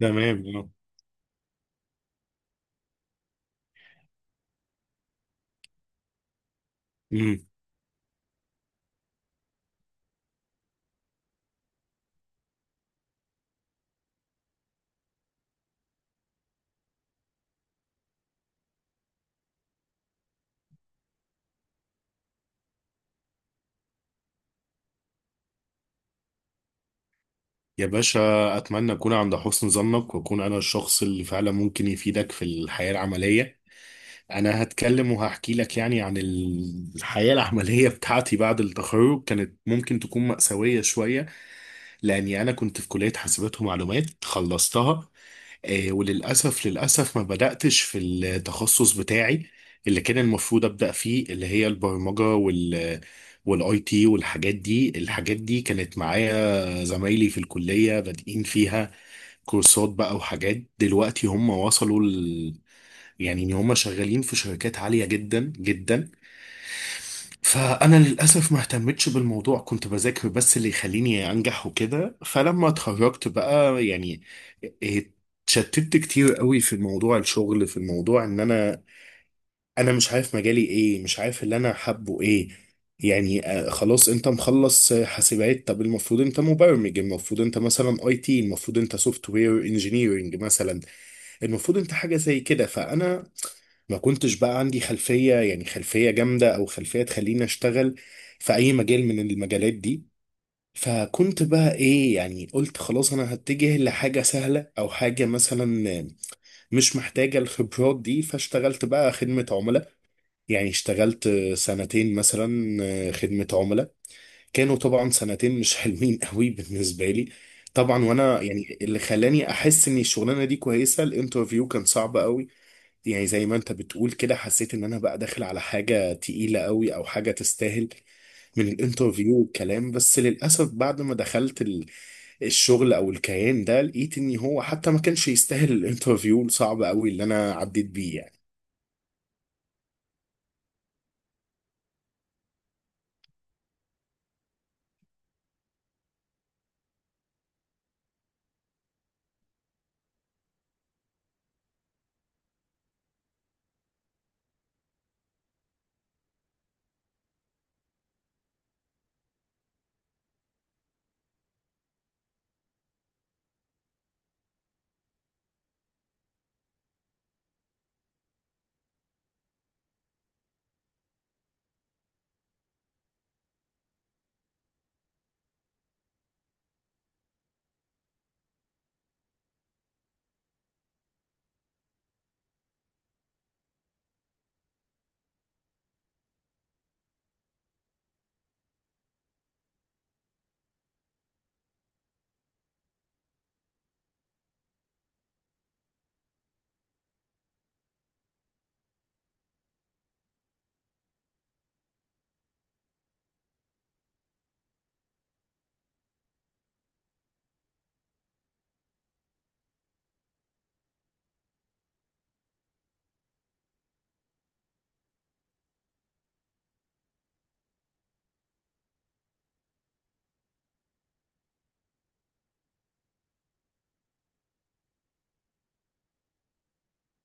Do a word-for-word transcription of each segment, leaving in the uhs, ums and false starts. تمام آه. امم يا باشا، اتمنى اكون عند حسن ظنك واكون انا الشخص اللي فعلا ممكن يفيدك في الحياه العمليه. انا هتكلم وهحكي لك يعني عن ال- الحياه العمليه بتاعتي بعد التخرج. كانت ممكن تكون مأساويه شويه، لاني انا كنت في كليه حاسبات ومعلومات خلصتها. آه، وللأسف، للأسف ما بدأتش في التخصص بتاعي اللي كان المفروض أبدأ فيه، اللي هي البرمجة وال والاي تي والحاجات دي. الحاجات دي كانت معايا زمايلي في الكلية بادئين فيها كورسات بقى وحاجات، دلوقتي هم وصلوا ل... يعني ان هم شغالين في شركات عالية جدا جدا. فانا للاسف ما اهتمتش بالموضوع، كنت بذاكر بس اللي يخليني انجح وكده. فلما اتخرجت بقى، يعني اتشتت كتير قوي في موضوع الشغل، في الموضوع ان انا انا مش عارف مجالي ايه، مش عارف اللي انا حابه ايه. يعني آه، خلاص انت مخلص آه، حاسبات، طب المفروض انت مبرمج، المفروض انت مثلا اي تي، المفروض انت سوفت وير انجينيرنج مثلا، المفروض انت حاجه زي كده. فانا ما كنتش بقى عندي خلفية، يعني خلفية جامدة أو خلفية تخليني أشتغل في أي مجال من المجالات دي. فكنت بقى إيه، يعني قلت خلاص أنا هتجه لحاجة سهلة أو حاجة مثلا مش محتاجة الخبرات دي. فاشتغلت بقى خدمة عملاء، يعني اشتغلت سنتين مثلا خدمة عملاء. كانوا طبعا سنتين مش حلوين قوي بالنسبة لي، طبعا. وانا يعني اللي خلاني احس ان الشغلانه دي كويسه، الانترفيو كان صعب قوي. يعني زي ما انت بتقول كده، حسيت ان انا بقى داخل على حاجة تقيلة قوي او حاجة تستاهل، من الانترفيو والكلام. بس للأسف بعد ما دخلت ال- الشغل او الكيان ده، لقيت ان هو حتى ما كانش يستاهل الانترفيو الصعب قوي اللي انا عديت بيه يعني.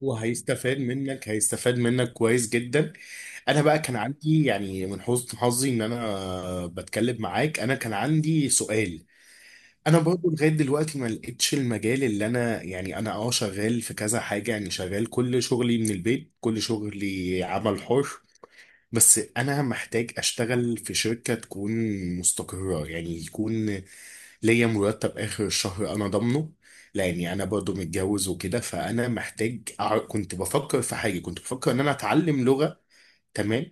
وهيستفاد منك، هيستفاد منك كويس جدا. انا بقى كان عندي، يعني من حسن حظي ان انا بتكلم معاك، انا كان عندي سؤال. انا برضو لغايه دلوقتي ما لقيتش المجال اللي انا، يعني انا اه شغال في كذا حاجه، يعني شغال كل شغلي من البيت، كل شغلي عمل حر. بس انا محتاج اشتغل في شركه تكون مستقره، يعني يكون ليا مرتب اخر الشهر انا ضامنه. لاني انا برضو متجوز وكده، فانا محتاج أع- كنت بفكر في حاجه، كنت بفكر ان انا اتعلم لغه. تمام.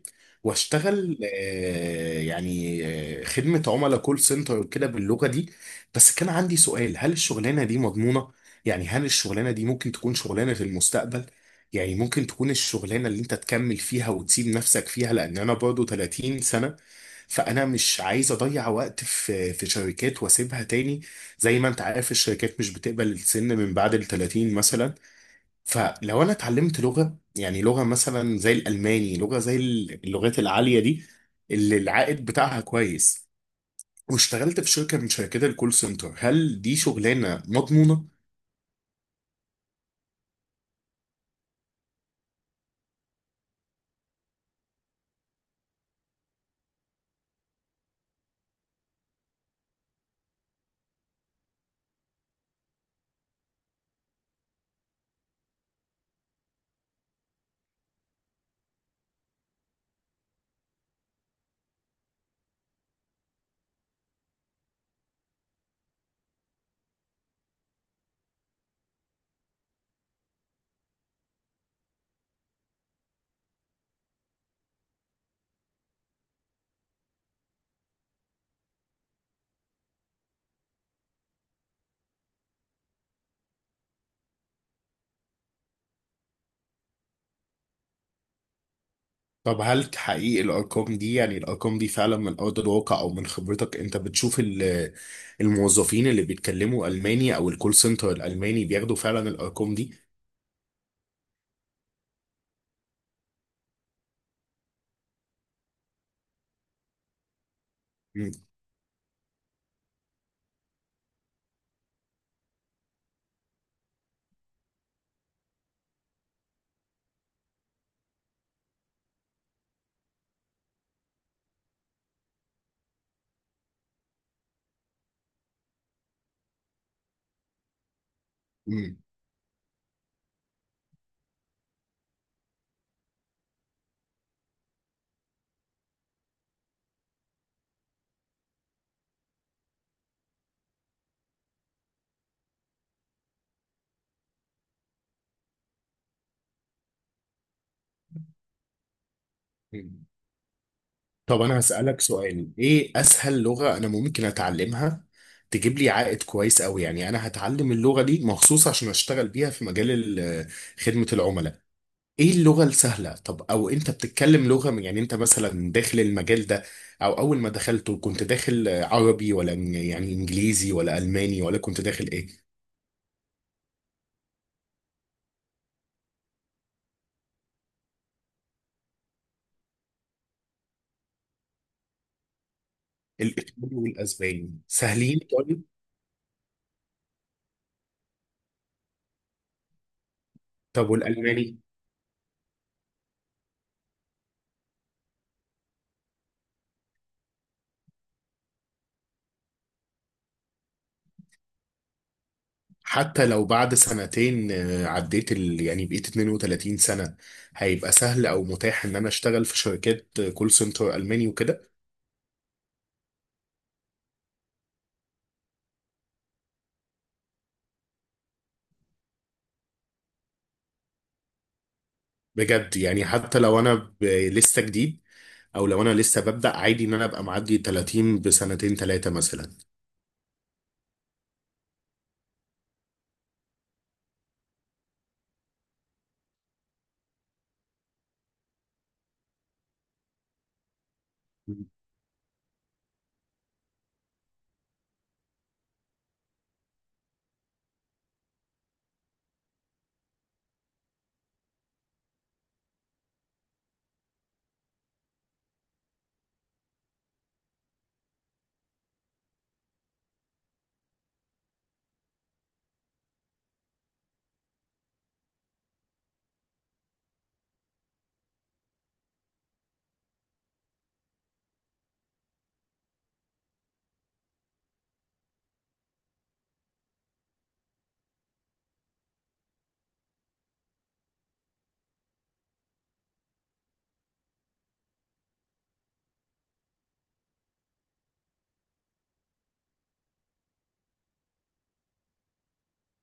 واشتغل آه، يعني آه، خدمة عملاء كول سنتر وكده باللغة دي. بس كان عندي سؤال، هل الشغلانة دي مضمونة؟ يعني هل الشغلانة دي ممكن تكون شغلانة المستقبل؟ يعني ممكن تكون الشغلانة اللي انت تكمل فيها وتسيب نفسك فيها، لان انا برضو ثلاثين سنة. فانا مش عايز اضيع وقت في في شركات واسيبها تاني. زي ما انت عارف، الشركات مش بتقبل السن من بعد ال ثلاثين مثلا. فلو انا اتعلمت لغه، يعني لغه مثلا زي الالماني، لغه زي اللغات العاليه دي اللي العائد بتاعها كويس، واشتغلت في شركه من شركات الكول سنتر، هل دي شغلانه مضمونه؟ طب هل تحقيق الارقام دي، يعني الارقام دي فعلا من ارض الواقع؟ او من خبرتك انت بتشوف ال- الموظفين اللي بيتكلموا الماني او الكول سنتر الالماني بياخدوا فعلا الارقام دي؟ مم. مم. طب انا هسألك سؤال، ايه اسهل لغة انا ممكن اتعلمها تجيب لي عائد كويس قوي؟ يعني انا هتعلم اللغة دي مخصوص عشان اشتغل بيها في مجال ال- آه، خدمة العملاء. ايه اللغة السهلة؟ طب او انت بتتكلم لغة من- يعني انت مثلا داخل المجال ده او اول ما دخلته، كنت داخل عربي ولا إن- يعني انجليزي ولا الماني ولا كنت داخل ايه؟ الايطالي والاسباني سهلين، طيب. طب والالماني؟ حتى لو بعد سنتين آه، عديت ال... يعني بقيت اثنين وثلاثين سنة، هيبقى سهل او متاح ان انا اشتغل في شركات كول سنتر الماني وكده؟ بجد؟ يعني حتى لو انا ب... لسه جديد، او لو انا لسه ببدأ عادي، ان انا ابقى معدي ثلاثين بسنتين ثلاثة مثلا؟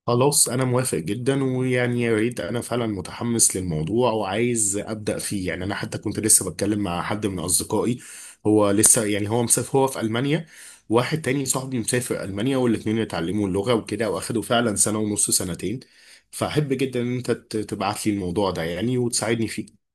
خلاص انا موافق جدا، ويعني يا ريت. انا فعلا متحمس للموضوع وعايز ابدا فيه. يعني انا حتى كنت لسه بتكلم مع حد من اصدقائي، هو لسه، يعني هو مسافر، هو في المانيا. واحد تاني صاحبي مسافر المانيا، والاتنين اتعلموا اللغه وكده، واخدوا فعلا سنه ونص، سنتين. فاحب جدا ان انت ت- تبعت لي الموضوع ده يعني وتساعدني فيه.